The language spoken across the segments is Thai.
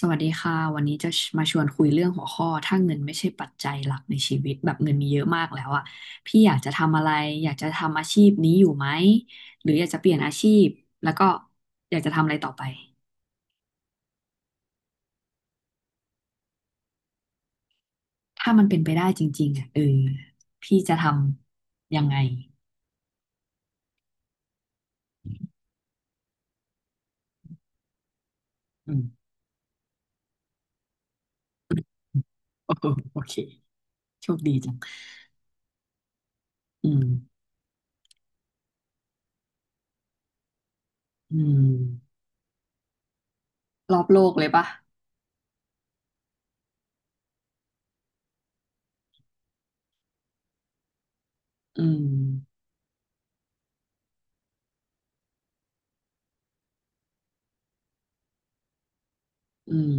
สวัสดีค่ะวันนี้จะมาชวนคุยเรื่องหัวข้อถ้าเงินไม่ใช่ปัจจัยหลักในชีวิตแบบเงินมีเยอะมากแล้วอะพี่อยากจะทำอะไรอยากจะทำอาชีพนี้อยู่ไหมหรืออยากจะเปลี่ยนอาชีพแล้วก็อยากจะทำอะไรต่อไปถ้ามันเป็นไปได้จริงๆอะพี่จะทำยังไงอืม โอ้โหโอเคโชคดีจังอืมอืมรอบโลกเลยปะอืมอืม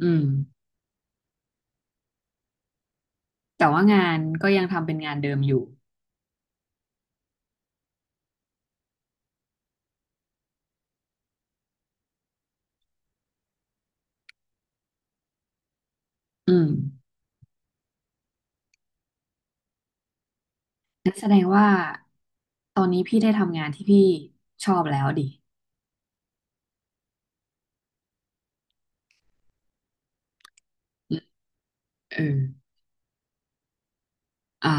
อืมแต่ว่างานก็ยังทำเป็นงานเดิมอยู่อืม งั้นแสดงว่าตอนนี้พี่ได้ทำงานที่พี่ชอบแล้วดิเอออ่า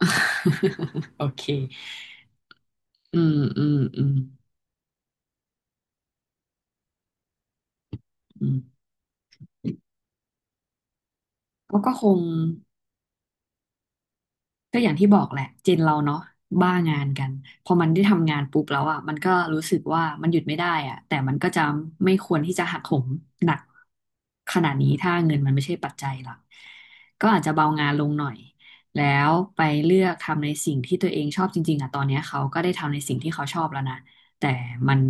โอเคอืมอืมอืมอืมก็คง ก็อย่างที่บอกแหละเจนเราเนาะบ้างานกันพอมันได้ทำงานปุ๊บแล้วอ่ะมันก็รู้สึกว่ามันหยุดไม่ได้อ่ะแต่มันก็จะไม่ควรที่จะหักโหมหนักขนาดนี้ถ้าเงินมันไม่ใช่ปัจจัยหลักก็อาจจะเบางานลงหน่อยแล้วไปเลือกทำในสิ่งที่ตัวเองชอบจริงๆอ่ะตอนเนี้ยเขาก็ได้ทำในสิ่งที่เขาชอบแล้วนะแต่มัน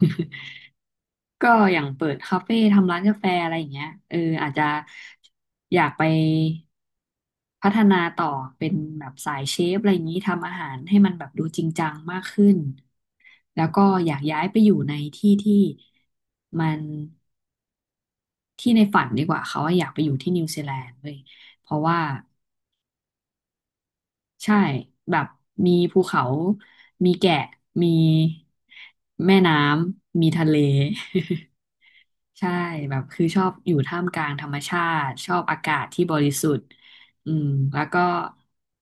ก็อย่างเปิดคาเฟ่ทำร้านกาแฟอะไรอย่างเงี้ยเอออาจจะอยากไป พัฒนาต่อเป็นแบบสายเชฟอะไรอย่างนี้ทำอาหารให้มันแบบดูจริงจังมากขึ้นแล้วก็อยากย้ายไปอยู่ในที่ที่มันที่ในฝันดีกว่าเขาว่าอยากไปอยู่ที่นิวซีแลนด์เลยเพราะว่าใช่แบบมีภูเขามีแกะมีแม่น้ำมีทะเล ใช่แบบคือชอบอยู่ท่ามกลางธรรมชาติชอบอากาศที่บริสุทธิ์อืมแล้วก็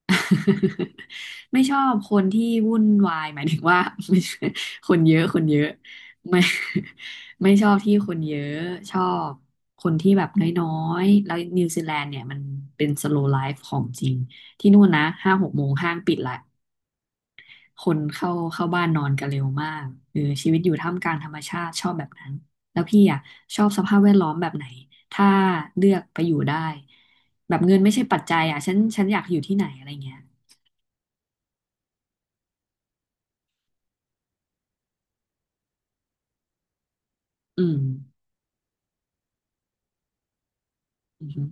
ไม่ชอบคนที่วุ่นวายหมายถึงว่า ไม่ใช่คนเยอะคนเยอะไม่ ไม่ชอบที่คนเยอะชอบคนที่แบบน้อยๆแล้วนิวซีแลนด์เนี่ยมันเป็นสโล w l ไลฟ์ของจริงที่นู่นนะ5-6 โมงห้างปิดละ คนเข้าบ้านนอนกันเร็วมากชีวิตอยู่ท่ามกลางธรรมชาติชอบแบบนั้นแล้วพี่อ่ะชอบสภาพแวดล้อมแบบไหนถ้าเลือกไปอยู่ได้แบบเงินไม่ใช่ปัจจัยอ่ะฉันอยากอยู่ที่ไหนอะไรเงี้ยอืมอืมอหือ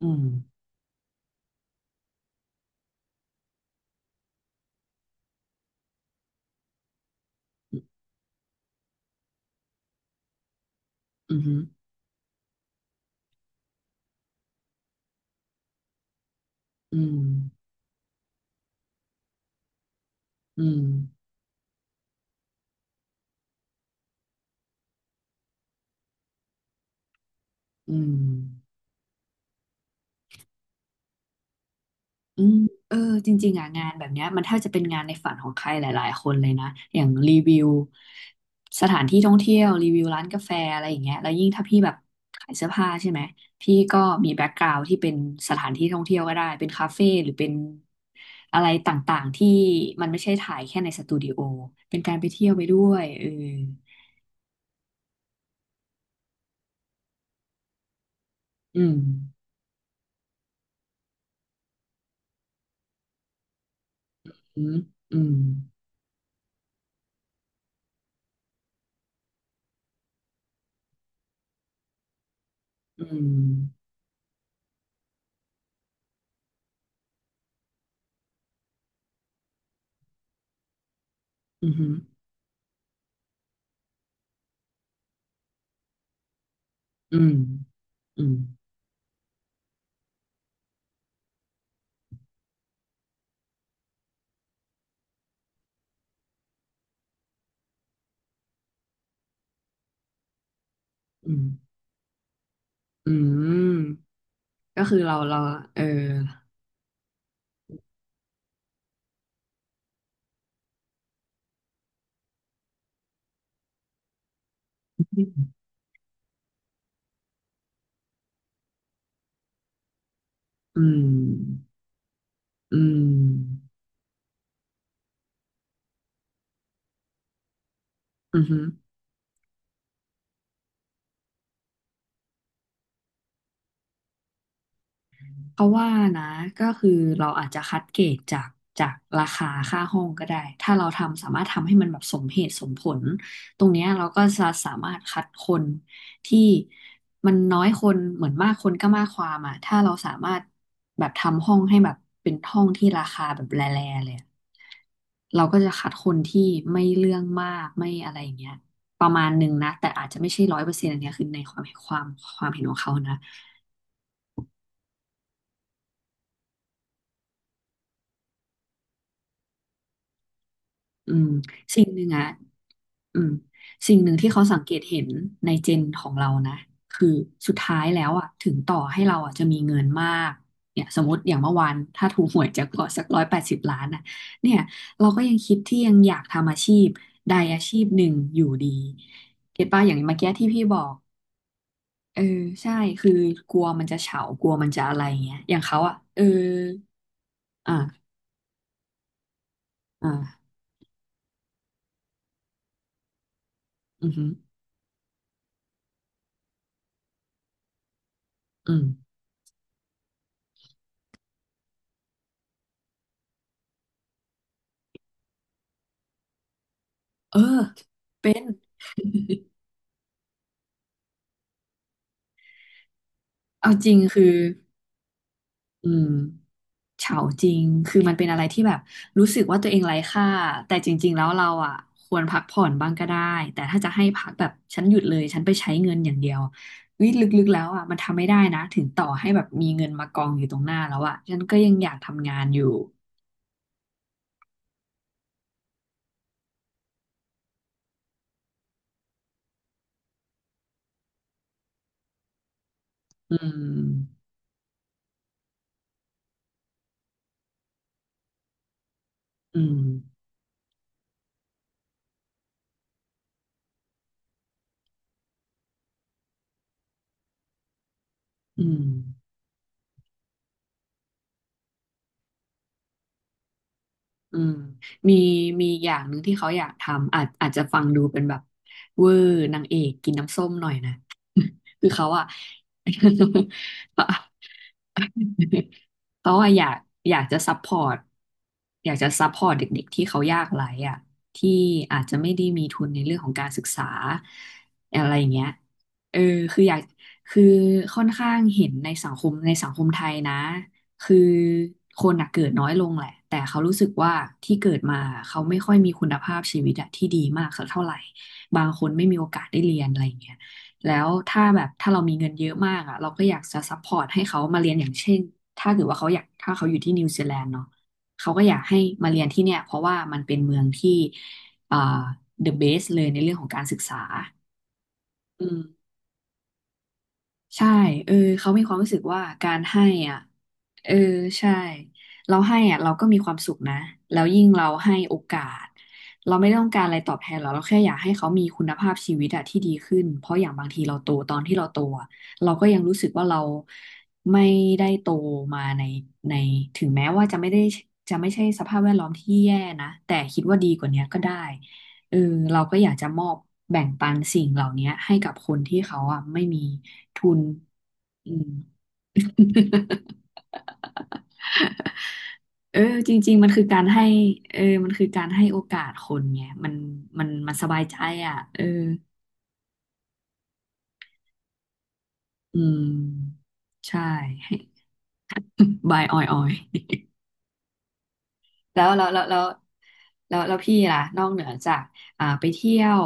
อืมอืมอืออืมอืมอืม อืมเออจริงๆอ่ะงานแบบเนี้ยมันแทบจะเป็นงานในฝันของใครหลายๆคนเลยนะอย่างรีวิวสถานที่ท่องเที่ยวรีวิวร้านกาแฟอะไรอย่างเงี้ยแล้วยิ่งถ้าพี่แบบขายเสื้อผ้าใช่ไหมพี่ก็มีแบ็กกราวด์ที่เป็นสถานที่ท่องเที่ยวก็ได้เป็นคาเฟ่หรือเป็นอะไรต่างๆที่มันไม่ใช่ถ่ายแค่ในสตูดิโอเป็นการไปเที่ยวไปด้วยเอออืมอืมอืมอืมอืมอืมอืมอืมอืม ก็คือเราเอออืมอืมอือฮึเพราะว่านะก็คือเราอาจจะคัดเกรดจากจากราคาค่าห้องก็ได้ถ้าเราทำสามารถทำให้มันแบบสมเหตุสมผลตรงเนี้ยเราก็จะสามารถคัดคนที่มันน้อยคนเหมือนมากคนก็มากความอ่ะถ้าเราสามารถแบบทำห้องให้แบบเป็นห้องที่ราคาแบบแร่ๆเลยอะ เราก็จะคัดคนที่ไม่เรื่องมากไม่อะไรอย่างเงี้ยประมาณหนึ่งนะแต่อาจจะไม่ใช่ร้อยเปอร์เซ็นต์อันเนี้ยคือในความเห็นของเขานะอืมสิ่งหนึ่งอะอืมสิ่งหนึ่งที่เขาสังเกตเห็นในเจนของเรานะคือสุดท้ายแล้วอะถึงต่อให้เราอะจะมีเงินมากเนี่ยสมมติอย่างเมื่อวานถ้าถูกหวยแจ็คพอตสัก180 ล้านอะเนี่ยเราก็ยังคิดที่ยังอยากทำอาชีพใดอาชีพหนึ่งอยู่ดีเก็ตป่ะอย่างเมื่อกี้ที่พี่บอก เออใช่คือกลัวมันจะเฉากลัวมันจะอะไรเงี้ยอย่างเขาอ่ะอ่าอ่าอือหืออืมเออเป็นเอาจริงคืออืมเฉาจริงคือมันเป็นอะไรที่แบบรู้สึกว่าตัวเองไร้ค่าแต่จริงๆแล้วเราอ่ะควรพักผ่อนบ้างก็ได้แต่ถ้าจะให้พักแบบฉันหยุดเลยฉันไปใช้เงินอย่างเดียววิลึกๆแล้วอ่ะมันทำไม่ได้นะถึงต่อให้แบบมีเงินมากองอยู่ตรงหน้าแล้วอ่ะฉันก็ยังอยากทำงานอยู่อืมอืมอืม อืมมีมีอย่างหนึ่งที่เขาอยากทำอาจจะฟังดูเป็นแบบเวอร์นางเอกกินน้ำส้มหน่อยนะ คือเขาอะ เขา เพราะว่าอยากอยากจะซัพพอร์ตอยากจะซัพพอร์ตเด็กๆที่เขายากไร้อะที่อาจจะไม่ได้มีทุนในเรื่องของการศึกษาอะไรอย่างเงี้ยเออคืออยากคือค่อนข้างเห็นในสังคมไทยนะคือคนอะเกิดน้อยลงแหละแต่เขารู้สึกว่าที่เกิดมาเขาไม่ค่อยมีคุณภาพชีวิตอะที่ดีมากสักเท่าไหร่บางคนไม่มีโอกาสได้เรียนอะไรอย่างเงี้ย แล้วถ้าแบบถ้าเรามีเงินเยอะมากอ่ะเราก็อยากจะซัพพอร์ตให้เขามาเรียนอย่างเช่นถ้าเกิดว่าเขาอยากถ้าเขาอยู่ที่นิวซีแลนด์เนาะเขาก็อยากให้มาเรียนที่เนี่ยเพราะว่ามันเป็นเมืองที่อ่า the best เลยในเรื่องของการศึกษาอืม ใช่เออเขามีความรู้สึกว่าการให้อ่ะเออใช่ เราให้อ่ะเราก็มีความสุขนะ แล้วยิ่งเราให้โอกาส เราไม่ต้องการอะไรตอบแทนหรอกเราแค่อยากให้เขามีคุณภาพชีวิตอะที่ดีขึ้น เพราะอย่างบางทีเราโตตอนที่เราโตอะเราก็ยังรู้สึกว่าเราไม่ได้โตมาในในถึงแม้ว่าจะไม่ได้จะไม่ใช่สภาพแวดล้อมที่แย่นะแต่คิดว่าดีกว่าเนี้ยก็ได้ เออเราก็อยากจะมอบแบ่งปันสิ่งเหล่านี้ให้กับคนที่เขาอ่ะไม่มีทุนอืม เออจริงๆมันคือการให้เออมันคือการให้โอกาสคนไงมันมันสบายใจอ่ะเอออืมใช่ให้บายออยออย แล้วแล้วแล้วแล้วแล้วแล้วพี่ล่ะนอกเหนือจากอ่าไปเที่ยว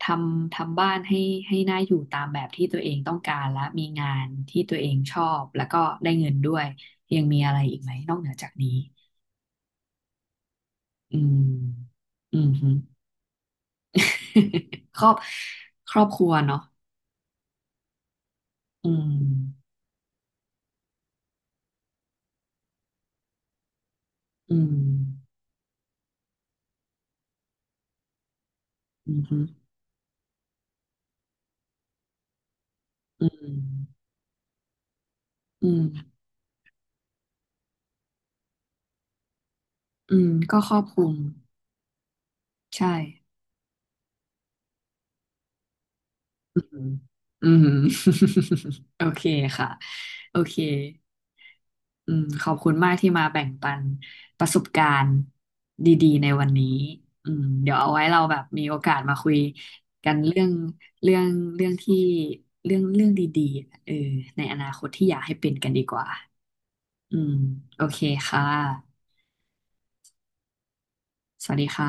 ททำบ้านให้ให้น่าอยู่ตามแบบที่ตัวเองต้องการและมีงานที่ตัวเองชอบแล้วก็ได้เงินด้วยยังมีอะไรอีกไหมนอกเหนือจากนี้อืมอืมฮึ ครอบครอบครัวเนาะอืมอืมอืมฮึอืมอืมอืมก็ครอบคลุมใช่อืมอืม โอเคค่ะโอเค อืมขอบคุณมากที่มาแบ่งปันประสบการณ์ดีๆในวันนี้อืมเดี๋ยวเอาไว้เราแบบมีโอกาสมาคุยกันเรื่องเรื่องเรื่องที่เรื่องดีๆเออในอนาคตที่อยากให้เป็นกันดีกว่าอืมโอเคค่ะสวัสดีค่ะ